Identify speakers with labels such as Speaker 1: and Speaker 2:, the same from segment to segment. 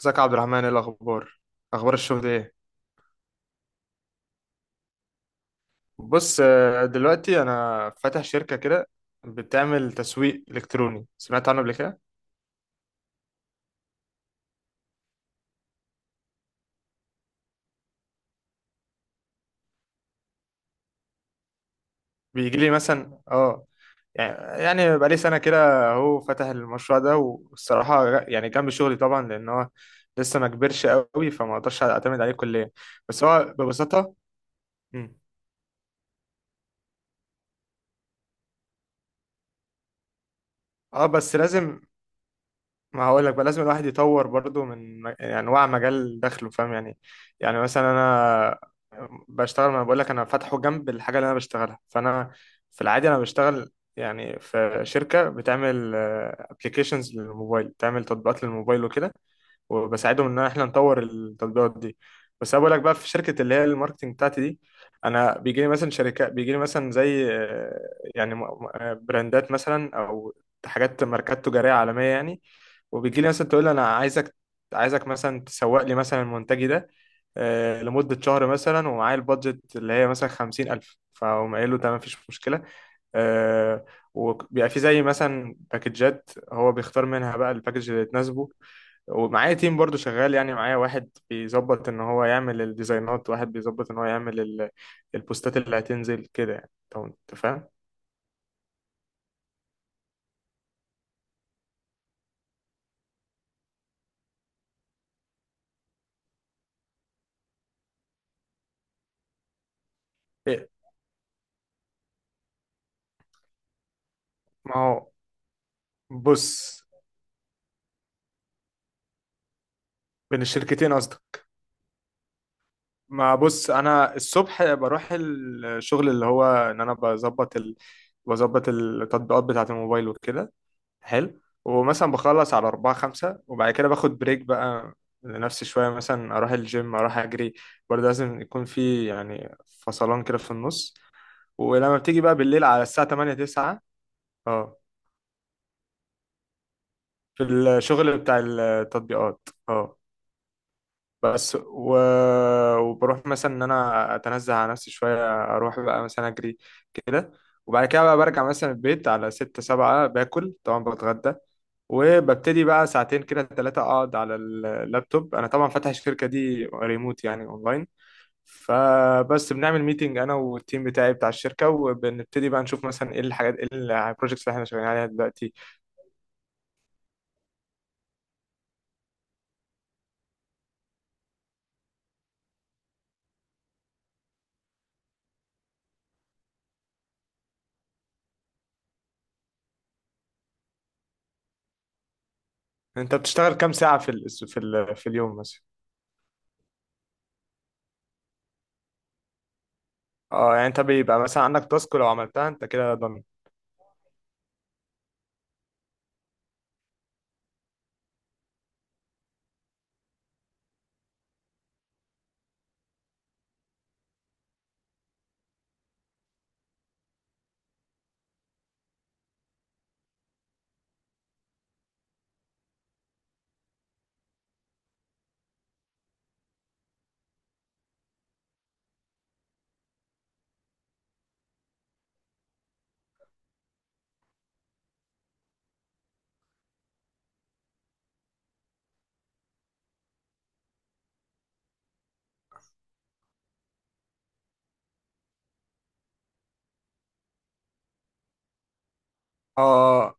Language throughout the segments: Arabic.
Speaker 1: ازيك يا عبد الرحمن؟ ايه الاخبار؟ اخبار الشغل ايه؟ بص، دلوقتي انا فاتح شركه كده، بتعمل تسويق الكتروني. سمعت عنه قبل كده؟ بيجي لي مثلا اه، يعني بقى لي سنه كده هو فاتح المشروع ده، والصراحه يعني جنب شغلي طبعا، لان هو لسه ما كبرش قوي فما اقدرش اعتمد عليه كليا. بس هو ببساطه مم. اه، بس لازم، ما هقول لك بقى، لازم الواحد يطور برضو من يعني انواع مجال دخله. فاهم يعني؟ يعني مثلا انا بشتغل، ما بقول لك انا فاتحه جنب الحاجه اللي انا بشتغلها، فانا في العادي انا بشتغل يعني في شركه بتعمل ابلكيشنز للموبايل، بتعمل تطبيقات للموبايل وكده، وبساعدهم ان احنا نطور التطبيقات دي. بس انا بقول لك بقى في شركه اللي هي الماركتنج بتاعتي دي، انا بيجي لي مثلا شركات، بيجي لي مثلا زي يعني براندات مثلا، او حاجات ماركات تجاريه عالميه يعني. وبيجي لي مثلا تقول لي انا عايزك مثلا تسوق لي مثلا منتجي ده، لمده شهر مثلا، ومعايا البادجت اللي هي مثلا 50,000، فاقوم قايل له تمام، مفيش مشكله. آه، وبيبقى في زي مثلا باكجات هو بيختار منها بقى الباكج اللي تناسبه. ومعايا تيم برضو شغال، يعني معايا واحد بيظبط ان هو يعمل الديزاينات، واحد بيظبط ان هو يعمل البوستات اللي هتنزل كده يعني. طب انت فاهم؟ إيه، ما هو بص، بين الشركتين قصدك؟ ما بص، انا الصبح بروح الشغل اللي هو ان انا بظبط بظبط التطبيقات بتاعة الموبايل وكده، حلو. ومثلا بخلص على أربعة خمسة، وبعد كده باخد بريك بقى لنفسي شوية، مثلا أروح الجيم، أروح أجري. برضه لازم يكون في يعني فصلان كده في النص. ولما بتيجي بقى بالليل على الساعة 8 9، اه، في الشغل بتاع التطبيقات اه. بس وبروح مثلا ان انا اتنزه على نفسي شوية، اروح بقى مثلا اجري كده. وبعد كده بقى برجع مثلا البيت على 6 7، باكل طبعا، بتغدى، وببتدي بقى 2 ساعتين كده 3 اقعد على اللابتوب. انا طبعا فاتح الشركة دي ريموت يعني اونلاين، فبس بنعمل ميتنج انا والتيم بتاعي بتاع الشركه، وبنبتدي بقى نشوف مثلا ايه الحاجات، ايه البروجكتس اللي احنا شغالين عليها دلوقتي. انت بتشتغل كام ساعة في في اليوم مثلا؟ اه، يعني انت بيبقى مثلا عندك تاسك، لو عملتها انت كده ضامن. اه،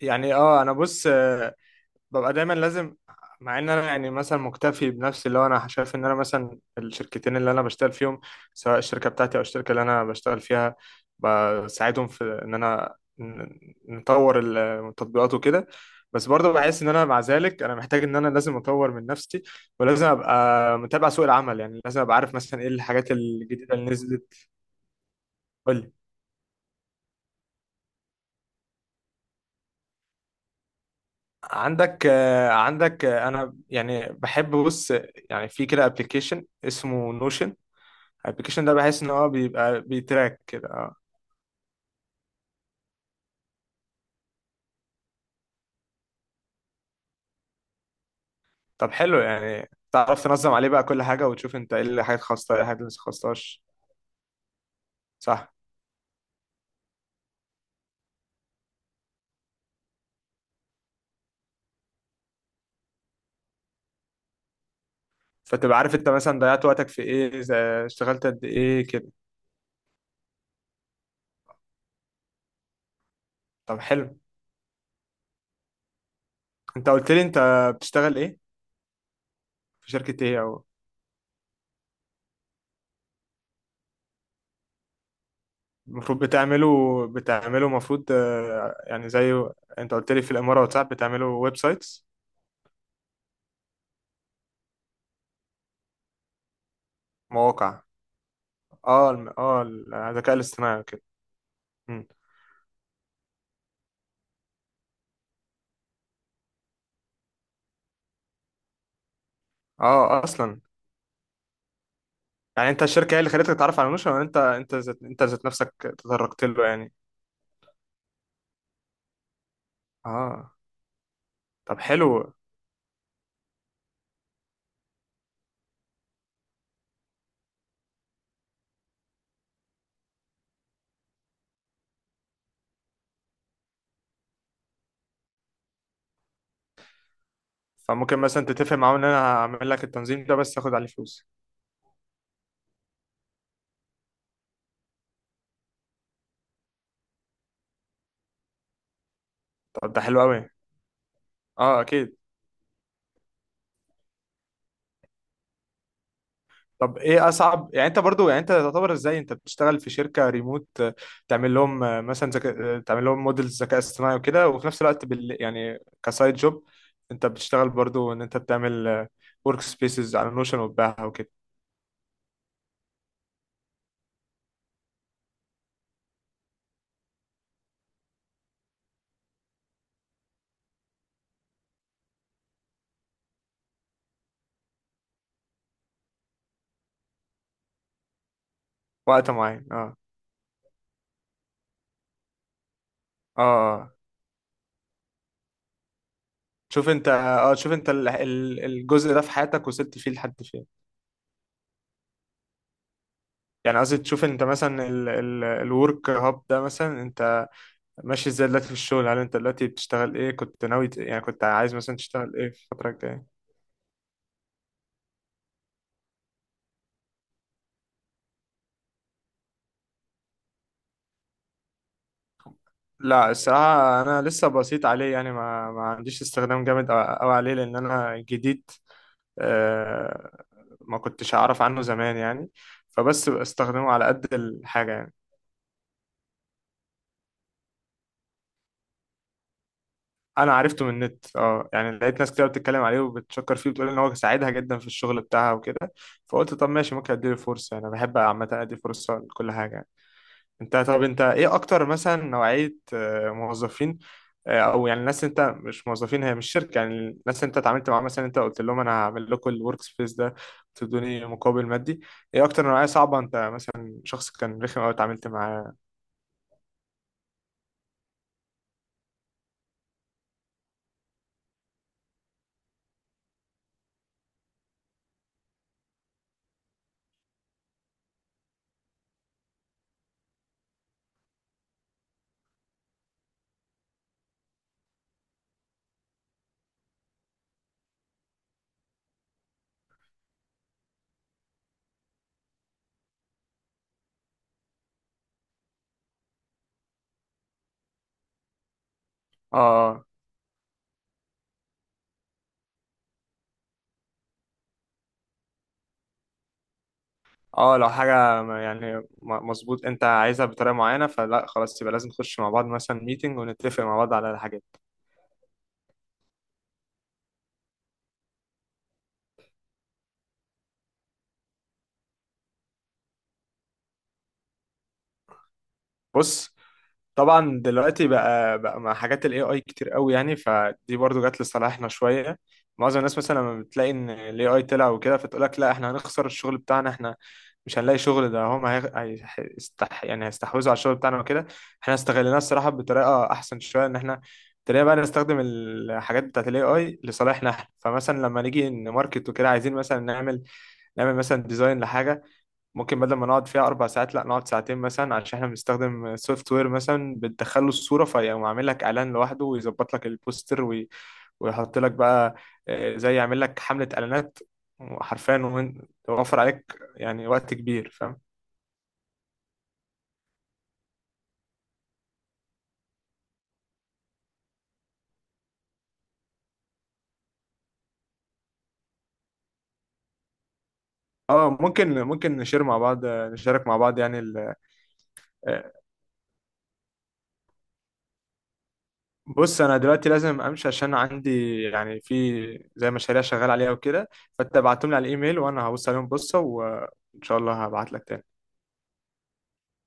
Speaker 1: يعني اه، انا بص، ببقى دايما لازم، مع ان انا يعني مثلا مكتفي بنفسي، اللي هو انا شايف ان انا مثلا الشركتين اللي انا بشتغل فيهم، سواء الشركه بتاعتي او الشركه اللي انا بشتغل فيها، بساعدهم في ان انا نطور التطبيقات وكده. بس برضه بحس ان انا مع ذلك انا محتاج ان انا لازم اطور من نفسي، ولازم ابقى متابع سوق العمل، يعني لازم ابقى عارف مثلا ايه الحاجات الجديده اللي نزلت. قول لي. عندك عندك، انا يعني بحب، بص، يعني في كده ابلكيشن اسمه نوشن. الابلكيشن ده بحس ان هو بيبقى بيتراك كده اه. طب حلو، يعني تعرف تنظم عليه بقى كل حاجه، وتشوف انت ايه اللي حاجات خاصه، ايه الحاجات اللي ما خاصهاش. صح، فتبقى عارف انت مثلا ضيعت وقتك في ايه اشتغلت قد ايه كده. طب حلو. انت قلت لي انت بتشتغل ايه، في شركه ايه، او المفروض بتعمله، بتعمله المفروض، يعني زي، انت قلت لي في الامارات، صح؟ بتعمله ويب سايتس، مواقع؟ اه اه الذكاء الاصطناعي كده؟ اه، اصلا. يعني انت الشركه هي اللي خلتك تتعرف على نوشن، ولا انت ذات نفسك تطرقت له يعني؟ اه، طب حلو. فممكن مثلا تتفق معاهم ان انا هعمل لك التنظيم ده، بس تاخد عليه فلوس. طب ده حلو قوي. اه، اكيد. طب ايه اصعب، يعني انت برضو يعني انت تعتبر ازاي انت بتشتغل في شركه ريموت، تعمل لهم مثلا ذكاء، تعمل لهم موديلز ذكاء اصطناعي وكده، وفي نفس الوقت يعني كسايد جوب انت بتشتغل برضو ان انت بتعمل ورك سبيسز على نوشن وتبيعها وكده. وقت معين اه. اه. آه. شوف انت، اه، شوف انت الجزء ده في حياتك وصلت فيه لحد فين؟ يعني قصدي تشوف انت مثلا الورك هاب ده، مثلا انت ماشي ازاي دلوقتي في الشغل؟ هل انت دلوقتي بتشتغل ايه، كنت ناوي يعني كنت عايز مثلا تشتغل ايه في الفترة الجاية؟ لا، الصراحة انا لسه بسيط عليه، يعني ما عنديش استخدام جامد قوي عليه لان انا جديد. آه، ما كنتش اعرف عنه زمان يعني، فبس بستخدمه على قد الحاجة يعني. انا عرفته من النت اه. يعني لقيت ناس كتير بتتكلم عليه وبتشكر فيه، بتقول ان هو ساعدها جدا في الشغل بتاعها وكده، فقلت طب ماشي، ممكن اديله فرصه، يعني انا بحب عامه ادي فرصه لكل حاجه. انت، طب انت ايه اكتر مثلا نوعيه، موظفين، او يعني الناس، انت مش موظفين هي، مش شركه يعني، الناس انت اتعاملت معاها، مثلا انت قلت لهم انا هعمل لكم الورك سبيس ده، تدوني مقابل مادي، ايه اكتر نوعيه صعبه، انت مثلا شخص كان رخم او اتعاملت معاه؟ اه. آه. اه، لو حاجة يعني مظبوط انت عايزها بطريقة معينة، فلا، خلاص، يبقى لازم نخش مع بعض مثلا ميتنج، ونتفق مع بعض على الحاجات. بص، طبعا دلوقتي بقى مع حاجات الاي اي كتير قوي يعني، فدي برضو جت لصالحنا شويه. معظم الناس مثلا لما بتلاقي ان الاي اي طلع وكده، فتقول لك لا احنا هنخسر الشغل بتاعنا، احنا مش هنلاقي شغل، ده هم يعني هيستحوذوا على الشغل بتاعنا وكده. احنا استغليناه الصراحه بطريقه احسن شويه، ان احنا ابتدينا بقى نستخدم الحاجات بتاعت الاي اي لصالحنا احنا. فمثلا لما نيجي نماركت وكده، عايزين مثلا نعمل مثلا ديزاين لحاجه، ممكن بدل ما نقعد فيها 4 ساعات لا نقعد 2 ساعتين مثلا، عشان احنا بنستخدم سوفت وير مثلا بتدخله الصورة فيقوم عامل لك إعلان لوحده، ويظبط لك البوستر ويحط لك بقى، زي يعمل لك حملة إعلانات حرفيا، ويوفر عليك يعني وقت كبير. فاهم؟ اه، ممكن نشير مع بعض، نشارك مع بعض يعني آه، بص، انا دلوقتي لازم امشي، عشان عندي يعني في زي مشاريع شغال عليها وكده، فانت ابعتهم لي على الايميل، وانا هبص عليهم بصة، وان شاء الله هبعت لك تاني.